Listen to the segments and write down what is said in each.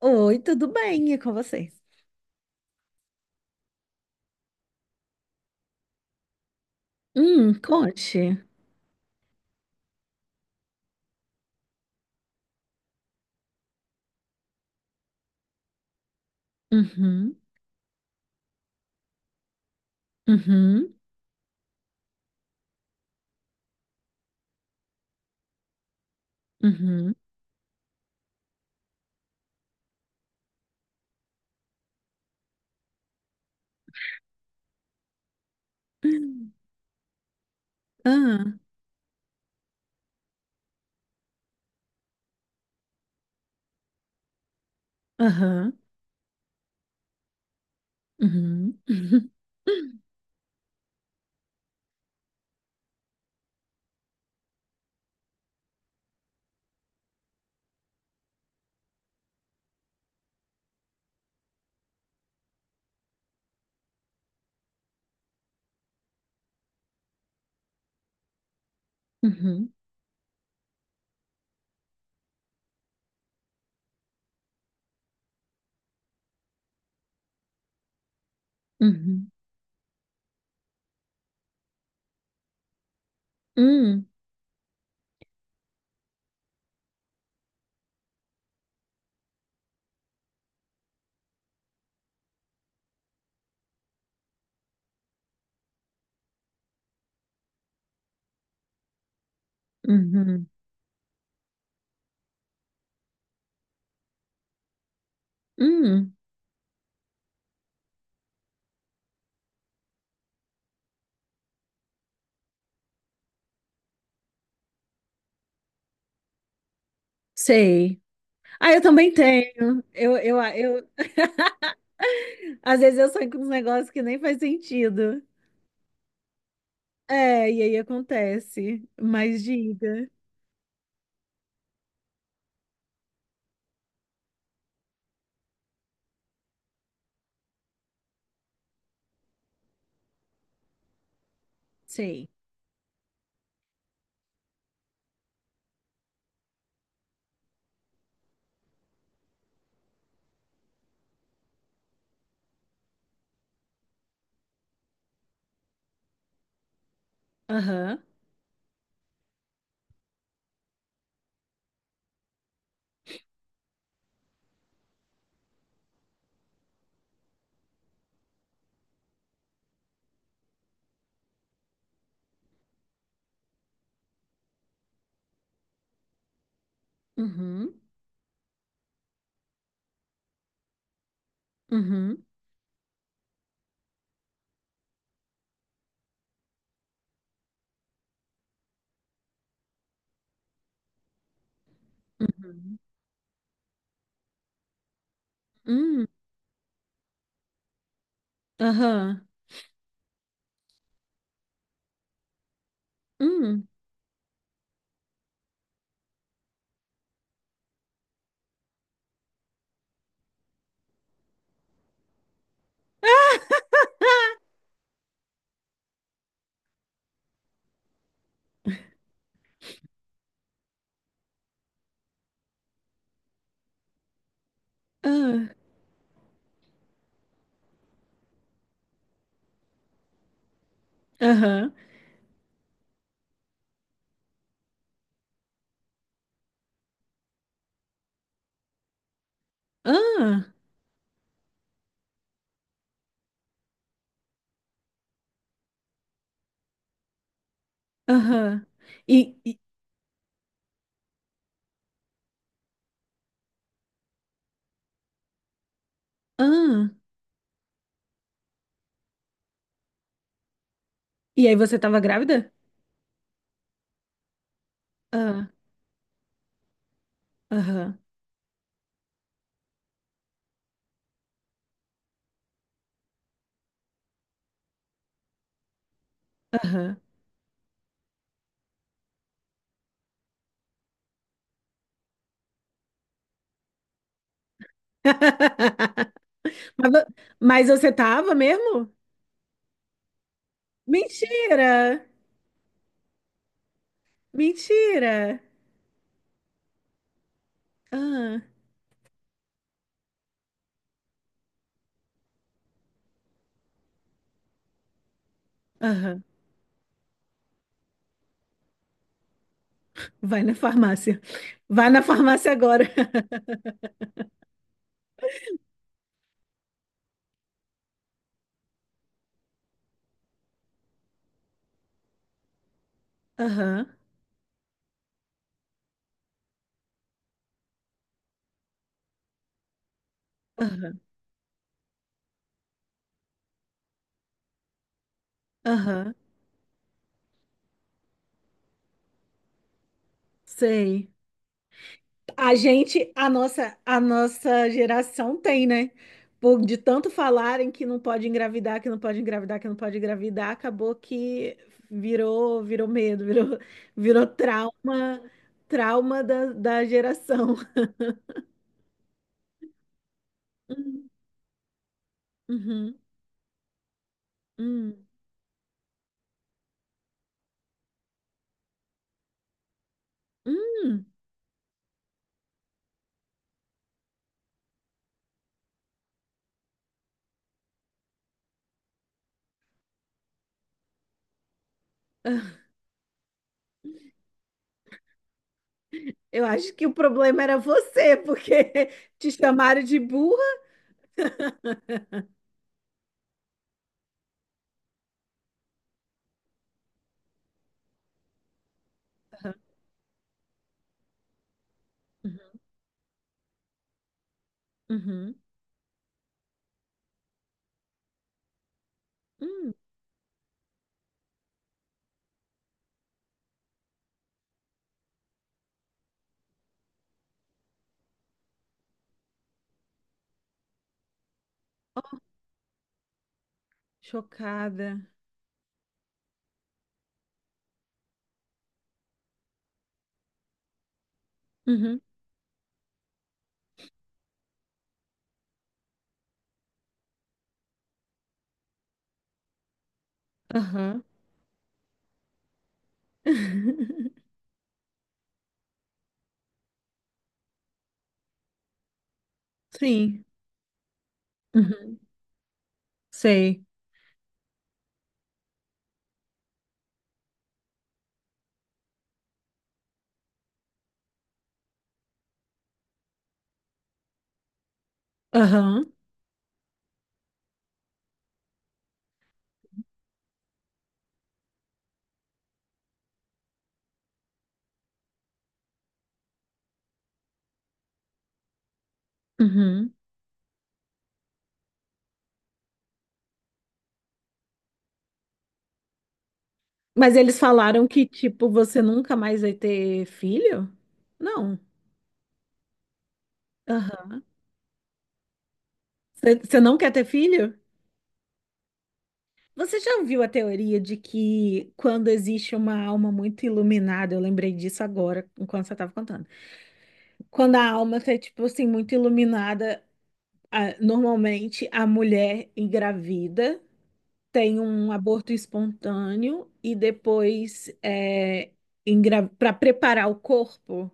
Oi, tudo bem? E com vocês? Conte. Uhum, uhum, uhum. Ah, aham, uhum, uhum, uhum, uhum, uhum, hum, sei. Ah, eu também tenho. Eu às vezes eu sonho com uns negócios que nem faz sentido. É, e aí acontece. Mas diga. Sei. Aham, uhum, uhum, uhum, hum, aham, hum. Ah, aham, ah, aham. E, e, ah, e aí você tava grávida? Ah, aham, aham. Mas, vo- mas você tava mesmo? Mentira! Mentira! Ah, aham. Vai na farmácia. Vai na farmácia agora. Aham, aham, aham. Sei. A nossa geração tem, né? Por, de tanto falarem que não pode engravidar, que não pode engravidar, que não pode engravidar, acabou que virou medo, virou trauma, trauma da geração. Hum, Uhum, hum, hum. Eu acho que o problema era você, porque te chamaram de burra. Uhum, uhum, hum. Chocada. Uhum, aham. Sim. Uhum. Sei. Aham. Uhum. Mas eles falaram que, tipo, você nunca mais vai ter filho? Não. Aham. Você não quer ter filho? Você já ouviu a teoria de que quando existe uma alma muito iluminada? Eu lembrei disso agora, enquanto você estava contando. Quando a alma está, tipo assim, muito iluminada, a- normalmente a mulher engravida, tem um aborto espontâneo e depois é, para preparar o corpo.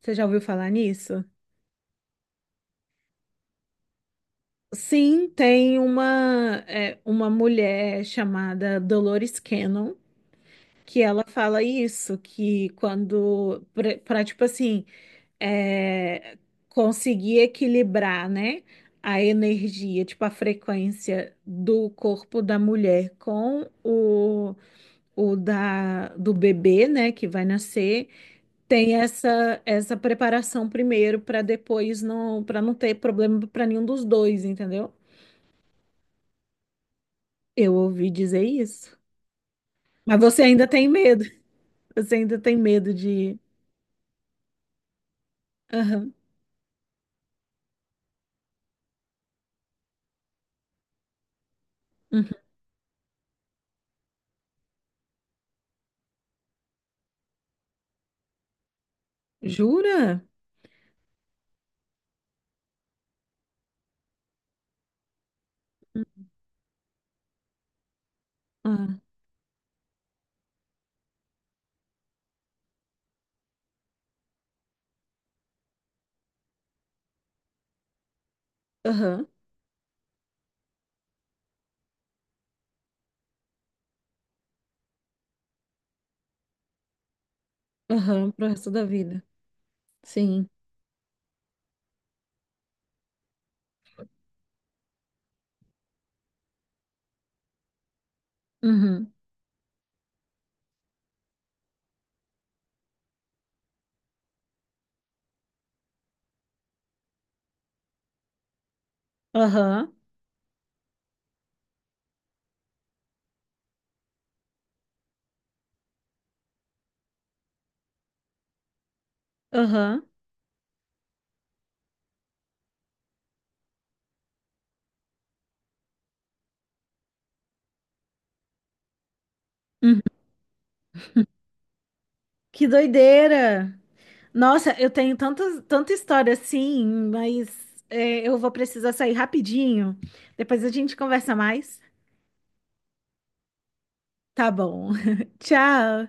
Você já ouviu falar nisso? Sim, tem uma, é, uma mulher chamada Dolores Cannon que ela fala isso, que quando, para tipo assim, é, conseguir equilibrar, né, a energia, tipo a frequência do corpo da mulher com o da, do bebê, né, que vai nascer. Tem essa essa preparação primeiro para depois não, para não ter problema para nenhum dos dois, entendeu? Eu ouvi dizer isso. Mas você ainda tem medo. Você ainda tem medo de. Aham, uhum. Jura? Ah, aham. Aham, pro resto da vida. Sim. Uhum. Aham. Aham. Que doideira! Nossa, eu tenho tantas, tanta história assim, mas é, eu vou precisar sair rapidinho. Depois a gente conversa mais. Tá bom. Tchau.